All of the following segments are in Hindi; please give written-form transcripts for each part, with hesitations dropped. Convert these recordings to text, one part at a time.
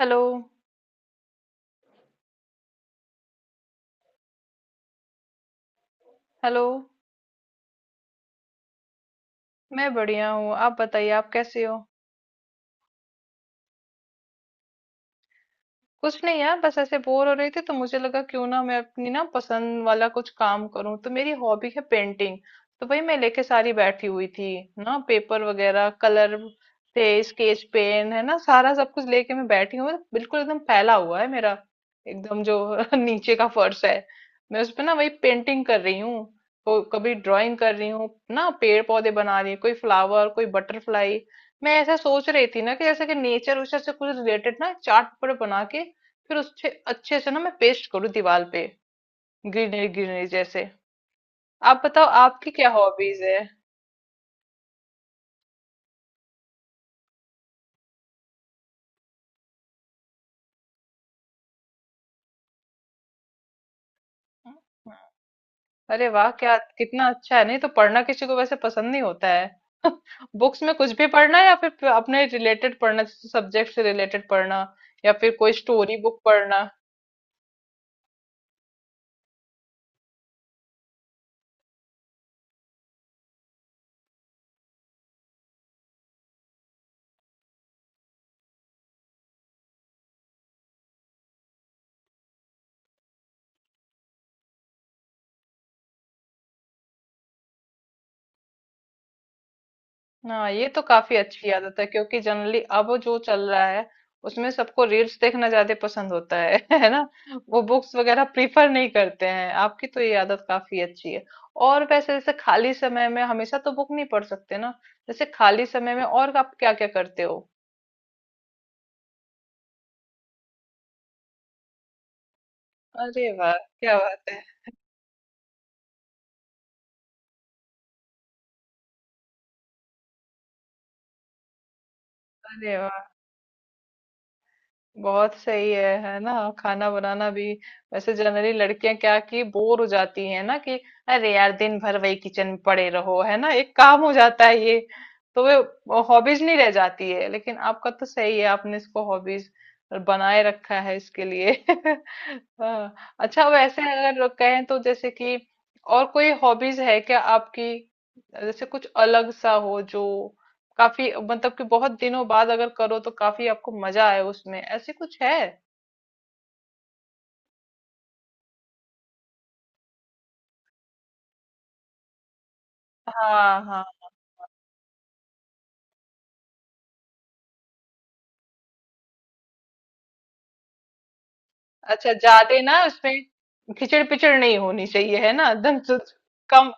हेलो। हेलो। मैं बढ़िया हूँ। आप बताइए आप कैसे हो? कुछ नहीं यार बस ऐसे बोर हो रही थी तो मुझे लगा क्यों ना मैं अपनी ना पसंद वाला कुछ काम करूं। तो मेरी हॉबी है पेंटिंग। तो वही मैं लेके सारी बैठी हुई थी ना, पेपर वगैरह कलर थे, स्केच पेन है ना, सारा सब कुछ लेके मैं बैठी हूँ। बिल्कुल एकदम फैला हुआ है मेरा एकदम जो नीचे का फर्श है, मैं उस पे ना वही पेंटिंग कर रही हूँ। तो कभी ड्राइंग कर रही हूँ ना, पेड़ पौधे बना रही हूँ, कोई फ्लावर कोई बटरफ्लाई। मैं ऐसा सोच रही थी ना कि जैसे कि नेचर उचर से कुछ रिलेटेड ना चार्ट पर बना के फिर उससे अच्छे से ना मैं पेस्ट करूँ दीवार पे, ग्रीनरी ग्रीनरी जैसे। आप बताओ आपकी क्या हॉबीज है? अरे वाह, क्या कितना अच्छा है, नहीं तो पढ़ना किसी को वैसे पसंद नहीं होता है। बुक्स में कुछ भी पढ़ना या फिर अपने रिलेटेड पढ़ना, जैसे सब्जेक्ट से रिलेटेड पढ़ना या फिर कोई स्टोरी बुक पढ़ना। हाँ ये तो काफी अच्छी आदत है, क्योंकि जनरली अब जो चल रहा है उसमें सबको रील्स देखना ज्यादा पसंद होता है है ना। वो बुक्स वगैरह प्रीफर नहीं करते हैं, आपकी तो ये आदत काफी अच्छी है। और वैसे जैसे खाली समय में हमेशा तो बुक नहीं पढ़ सकते ना। जैसे खाली समय में और आप क्या क्या करते हो? अरे वाह क्या बात है। अरे वाह, बहुत सही है ना, खाना बनाना भी। वैसे जनरली लड़कियां क्या कि बोर हो जाती हैं ना, कि अरे यार दिन भर वही किचन में पड़े रहो है ना, एक काम हो जाता है ये। तो वे हॉबीज नहीं रह जाती है, लेकिन आपका तो सही है, आपने इसको हॉबीज बनाए रखा है इसके लिए हाँ। अच्छा वैसे अगर कहें तो जैसे कि और कोई हॉबीज है क्या आपकी? जैसे कुछ अलग सा हो जो काफी मतलब कि बहुत दिनों बाद अगर करो तो काफी आपको मजा आए उसमें, ऐसे कुछ है? हाँ हाँ। अच्छा ज्यादा ना उसमें खिचड़ पिचड़ नहीं होनी चाहिए है ना एकदम से। कम,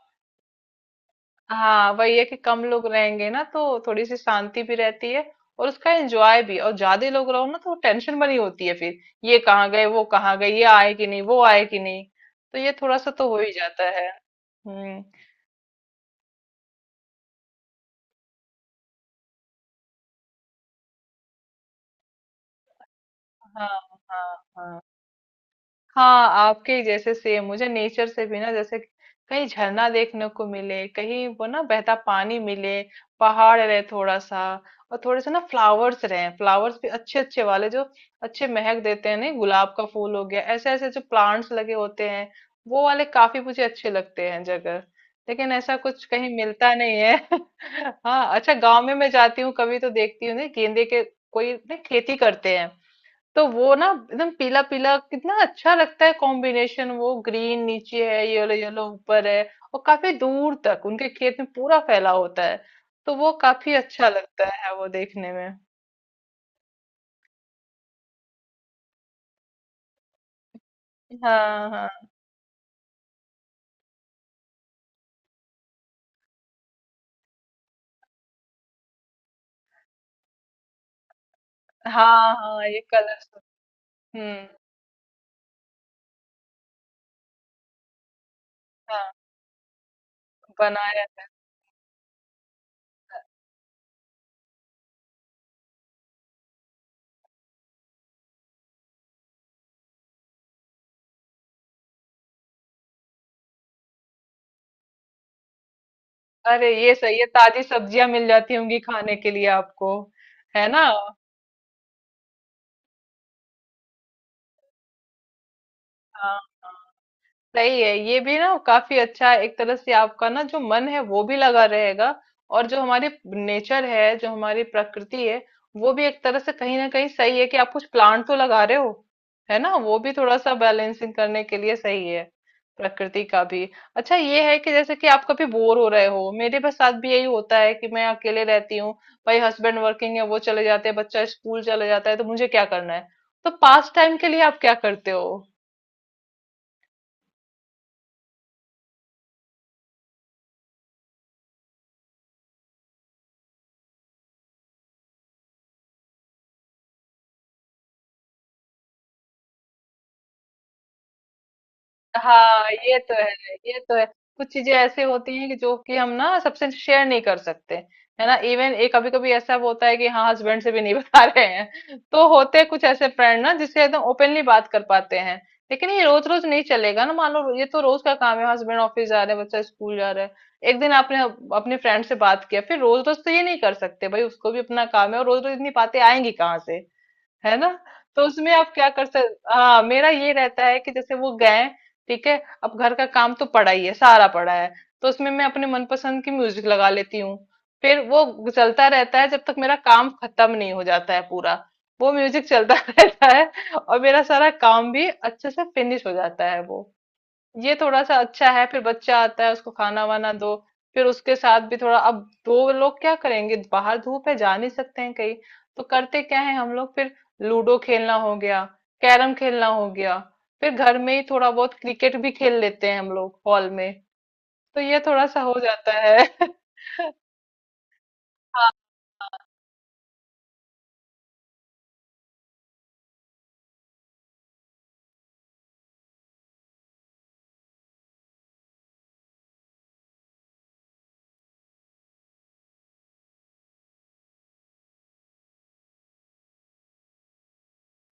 हाँ वही है कि कम लोग रहेंगे ना तो थोड़ी सी शांति भी रहती है और उसका एंजॉय भी। और ज्यादा लोग रहो ना तो टेंशन बनी होती है फिर, ये कहाँ गए वो कहाँ गए, ये आए कि नहीं वो आए कि नहीं, तो ये थोड़ा सा तो हो ही जाता है। हम्म। हाँ हाँ। हाँ हाँ, आपके ही जैसे सेम मुझे नेचर से भी ना, जैसे कहीं झरना देखने को मिले, कहीं वो ना बहता पानी मिले, पहाड़ रहे थोड़ा सा। और थोड़े से ना फ्लावर्स रहे, फ्लावर्स भी अच्छे अच्छे वाले जो अच्छे महक देते हैं। नहीं, गुलाब का फूल हो गया, ऐसे ऐसे जो प्लांट्स लगे होते हैं वो वाले काफी मुझे अच्छे लगते हैं जगह। लेकिन ऐसा कुछ कहीं मिलता नहीं है हाँ अच्छा, गांव में मैं जाती हूँ कभी तो देखती हूँ ना गेंदे के, कोई ना खेती करते हैं तो वो ना एकदम पीला पीला, कितना अच्छा लगता है कॉम्बिनेशन, वो ग्रीन नीचे है येलो येलो ऊपर है। और काफी दूर तक उनके खेत में पूरा फैला होता है, तो वो काफी अच्छा लगता है वो देखने में। हाँ हाँ। हाँ हाँ ये कलर। हम्म। हाँ बनाया। अरे ये सही है, ताजी सब्जियां मिल जाती होंगी खाने के लिए आपको, है ना। हाँ हाँ। सही है ये भी ना, काफी अच्छा है एक तरह से, आपका ना जो मन है वो भी लगा रहेगा। और जो हमारे नेचर है, जो हमारी प्रकृति है, वो भी एक तरह से कहीं ना कहीं सही है कि आप कुछ प्लांट तो लगा रहे हो है ना, वो भी थोड़ा सा बैलेंसिंग करने के लिए सही है प्रकृति का भी। अच्छा ये है कि जैसे कि आप कभी बोर हो रहे हो, मेरे बस साथ भी यही होता है कि मैं अकेले रहती हूँ भाई, हस्बैंड वर्किंग है वो चले जाते हैं, बच्चा स्कूल चले जाता है, तो मुझे क्या करना है। तो पास टाइम के लिए आप क्या करते हो? हाँ ये तो है। ये तो है। कुछ चीजें ऐसी होती हैं कि जो कि हम ना सबसे शेयर नहीं कर सकते है ना। इवन एक कभी कभी ऐसा होता है कि हाँ हस्बैंड से भी नहीं बता रहे हैं, तो होते कुछ ऐसे फ्रेंड ना जिससे एकदम ओपनली बात कर पाते हैं। लेकिन ये रोज रोज नहीं चलेगा ना, मान लो, ये तो रोज का काम है, हस्बैंड ऑफिस जा रहे हैं, बच्चा स्कूल जा रहा है। एक दिन आपने अपने फ्रेंड से बात किया, फिर रोज रोज तो ये नहीं कर सकते भाई, उसको भी अपना काम है, और रोज रोज इतनी बातें आएंगी कहाँ से, है ना। तो उसमें आप क्या कर सकते। हाँ, मेरा ये रहता है कि जैसे वो गए, ठीक है, अब घर का काम तो पड़ा ही है, सारा पड़ा है, तो उसमें मैं अपने मनपसंद की म्यूजिक लगा लेती हूँ। फिर वो चलता रहता है जब तक मेरा काम खत्म नहीं हो जाता है पूरा, वो म्यूजिक चलता रहता है, और मेरा सारा काम भी अच्छे से फिनिश हो जाता है वो। ये थोड़ा सा अच्छा है। फिर बच्चा आता है, उसको खाना वाना दो, फिर उसके साथ भी थोड़ा, अब दो लोग क्या करेंगे, बाहर धूप है जा नहीं सकते हैं कहीं, तो करते क्या है हम लोग फिर, लूडो खेलना हो गया, कैरम खेलना हो गया, फिर घर में ही थोड़ा बहुत क्रिकेट भी खेल लेते हैं हम लोग हॉल में, तो ये थोड़ा सा हो जाता है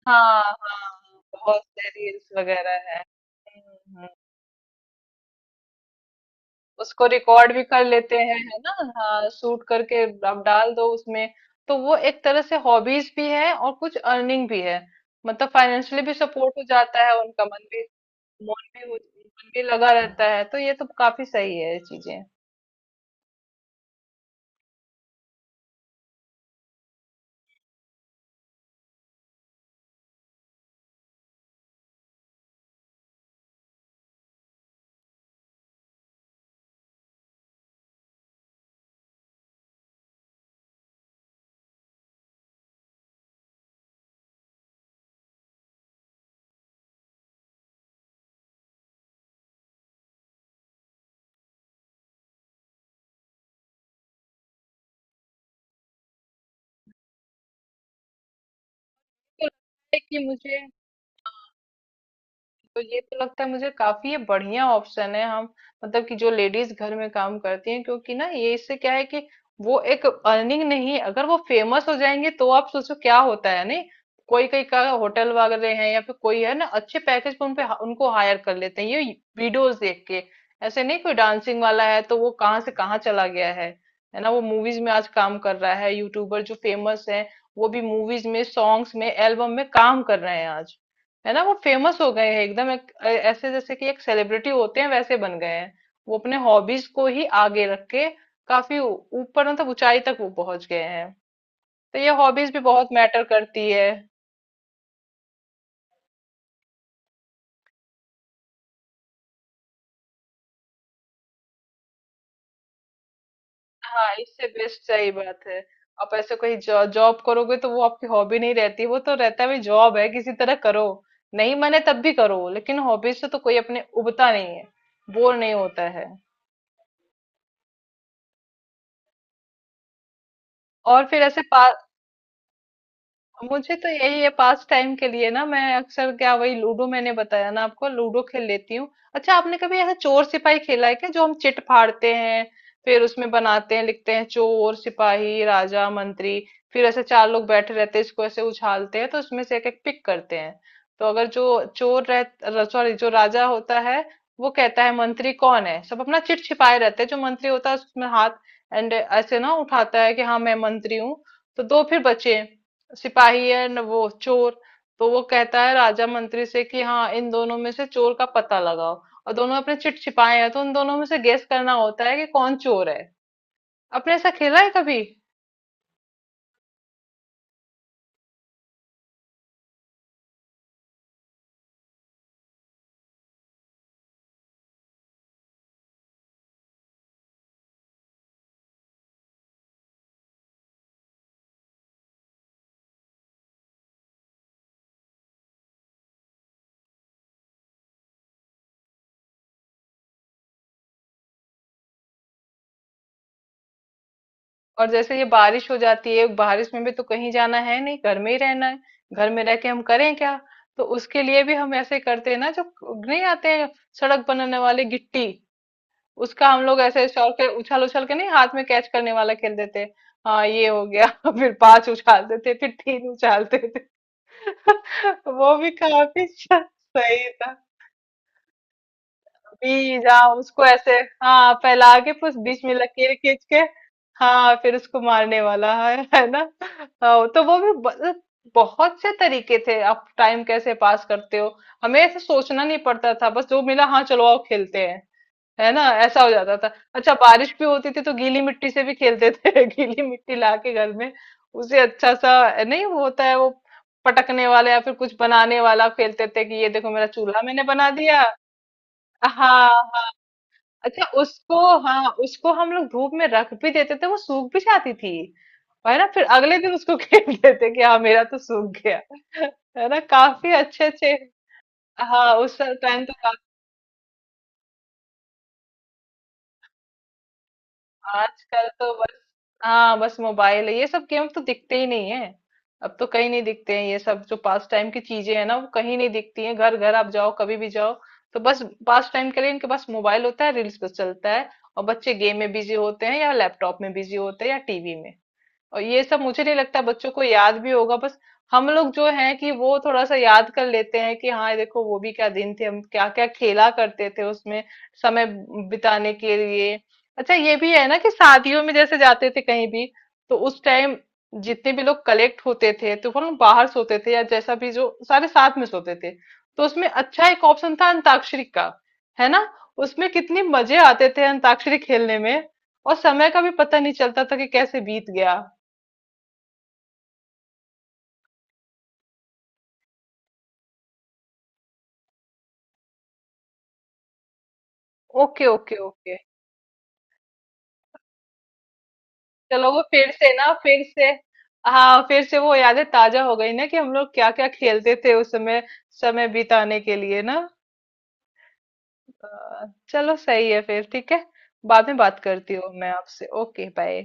हाँ हाँ। बहुत से रील्स वगैरह है। उसको रिकॉर्ड भी कर लेते हैं है ना। हाँ, शूट करके आप डाल दो उसमें, तो वो एक तरह से हॉबीज भी है और कुछ अर्निंग भी है, मतलब फाइनेंशियली भी सपोर्ट हो जाता है, उनका मन भी मन भी लगा रहता है। तो ये तो काफी सही है ये चीजें। तो लगता है कि मुझे, तो ये तो लगता है मुझे काफी ये बढ़िया ऑप्शन है हम, मतलब कि जो लेडीज घर में काम करती हैं, क्योंकि ना ये इससे क्या है कि वो एक अर्निंग नहीं है, अगर वो फेमस हो जाएंगे तो आप सोचो क्या होता है। नहीं, कोई कोई का होटल वगैरह है या फिर कोई है ना, अच्छे पैकेज पर उनपे उनको हायर कर लेते हैं ये वीडियोस देख के। ऐसे नहीं, कोई डांसिंग वाला है तो वो कहाँ से कहाँ चला गया है ना, वो मूवीज में आज काम कर रहा है। यूट्यूबर जो फेमस है वो भी मूवीज में, सॉन्ग्स में, एल्बम में काम कर रहे हैं आज, है ना। वो फेमस हो गए हैं एकदम, ऐसे जैसे कि एक सेलिब्रिटी होते हैं वैसे बन गए हैं। वो अपने हॉबीज को ही आगे रख के काफी ऊपर मतलब ऊंचाई तक वो पहुंच गए हैं। तो ये हॉबीज भी बहुत मैटर करती है। हाँ, इससे बेस्ट सही बात है। आप ऐसे कोई जॉब करोगे तो वो आपकी हॉबी नहीं रहती, वो तो रहता है भाई जॉब है किसी तरह करो। नहीं मने तब भी करो, लेकिन हॉबीज से तो कोई अपने उबता नहीं है, बोर नहीं होता है। और फिर ऐसे मुझे तो यही है पास टाइम के लिए ना, मैं अक्सर क्या, वही लूडो, मैंने बताया ना आपको, लूडो खेल लेती हूँ। अच्छा आपने कभी ऐसा चोर सिपाही खेला है क्या, जो हम चिट फाड़ते हैं फिर उसमें बनाते हैं, लिखते हैं चोर सिपाही राजा मंत्री। फिर ऐसे चार लोग बैठे रहते हैं, इसको ऐसे उछालते हैं तो उसमें से एक एक पिक करते हैं। तो अगर जो चोर रह सॉरी, जो राजा होता है वो कहता है मंत्री कौन है, सब अपना चिट छिपाए रहते हैं, जो मंत्री होता है उसमें हाथ एंड ऐसे ना उठाता है कि हाँ मैं मंत्री हूँ। तो दो फिर बचे, सिपाही है न वो चोर, तो वो कहता है राजा मंत्री से कि हाँ इन दोनों में से चोर का पता लगाओ, और दोनों अपने चिट छिपाए हैं, तो उन दोनों में से गेस करना होता है कि कौन चोर है। आपने ऐसा खेला है कभी? और जैसे ये बारिश हो जाती है, बारिश में भी तो कहीं जाना है नहीं, घर में ही रहना है, घर में रह के हम करें क्या, तो उसके लिए भी हम ऐसे करते हैं ना, जो नहीं आते हैं सड़क बनाने वाले गिट्टी, उसका हम लोग ऐसे शौक है उछल उछल के, नहीं, हाथ में कैच करने वाला खेल देते। हाँ ये हो गया फिर पांच उछालते थे फिर तीन उछालते थे। वो भी काफी सही था। बीज, हाँ उसको ऐसे, हाँ फैला के फिर बीच में लकीर खींच के, हाँ फिर उसको मारने वाला है ना। हाँ, तो वो भी बहुत से तरीके थे, आप टाइम कैसे पास करते हो, हमें ऐसे सोचना नहीं पड़ता था, बस जो मिला हाँ चलो आओ खेलते हैं, है ना, ऐसा हो जाता था। अच्छा, बारिश भी होती थी तो गीली मिट्टी से भी खेलते थे गीली मिट्टी ला के घर में उसे अच्छा सा, नहीं वो होता है वो पटकने वाला या फिर कुछ बनाने वाला खेलते थे कि ये देखो मेरा चूल्हा मैंने बना दिया। हाँ। अच्छा उसको, हाँ उसको हम लोग धूप में रख भी देते थे, वो सूख भी जाती थी, है ना, फिर अगले दिन उसको खेलते थे कि हाँ मेरा तो सूख गया है ना, काफी अच्छे अच्छे। हाँ उस टाइम तो काफी। आजकल तो हाँ बस मोबाइल है, ये सब गेम तो दिखते ही नहीं है। अब तो कहीं नहीं दिखते हैं ये सब, जो पास टाइम की चीजें है ना वो कहीं नहीं दिखती हैं, घर घर आप जाओ कभी भी जाओ, तो बस पास टाइम के लिए इनके पास मोबाइल होता है, रील्स पे चलता है। और बच्चे गेम में बिजी होते हैं या लैपटॉप में बिजी होते हैं या टीवी में। और ये सब मुझे नहीं लगता बच्चों को याद भी होगा, बस हम लोग जो हैं कि वो थोड़ा सा याद कर लेते हैं कि हाँ देखो वो भी क्या दिन थे, हम क्या क्या खेला करते थे उसमें समय बिताने के लिए। अच्छा ये भी है ना कि शादियों में जैसे जाते थे कहीं भी, तो उस टाइम जितने भी लोग कलेक्ट होते थे तो वो लोग बाहर सोते थे, या जैसा भी, जो सारे साथ में सोते थे, तो उसमें अच्छा एक ऑप्शन था अंताक्षरी का, है ना। उसमें कितने मजे आते थे अंताक्षरी खेलने में, और समय का भी पता नहीं चलता था कि कैसे बीत गया। Okay okay okay. चलो वो फिर से ना फिर से, हाँ फिर से वो यादें ताजा हो गई ना कि हम लोग क्या क्या खेलते थे उस समय, समय बिताने के लिए ना। चलो सही है फिर, ठीक है, बाद में बात करती हूँ मैं आपसे। Okay bye.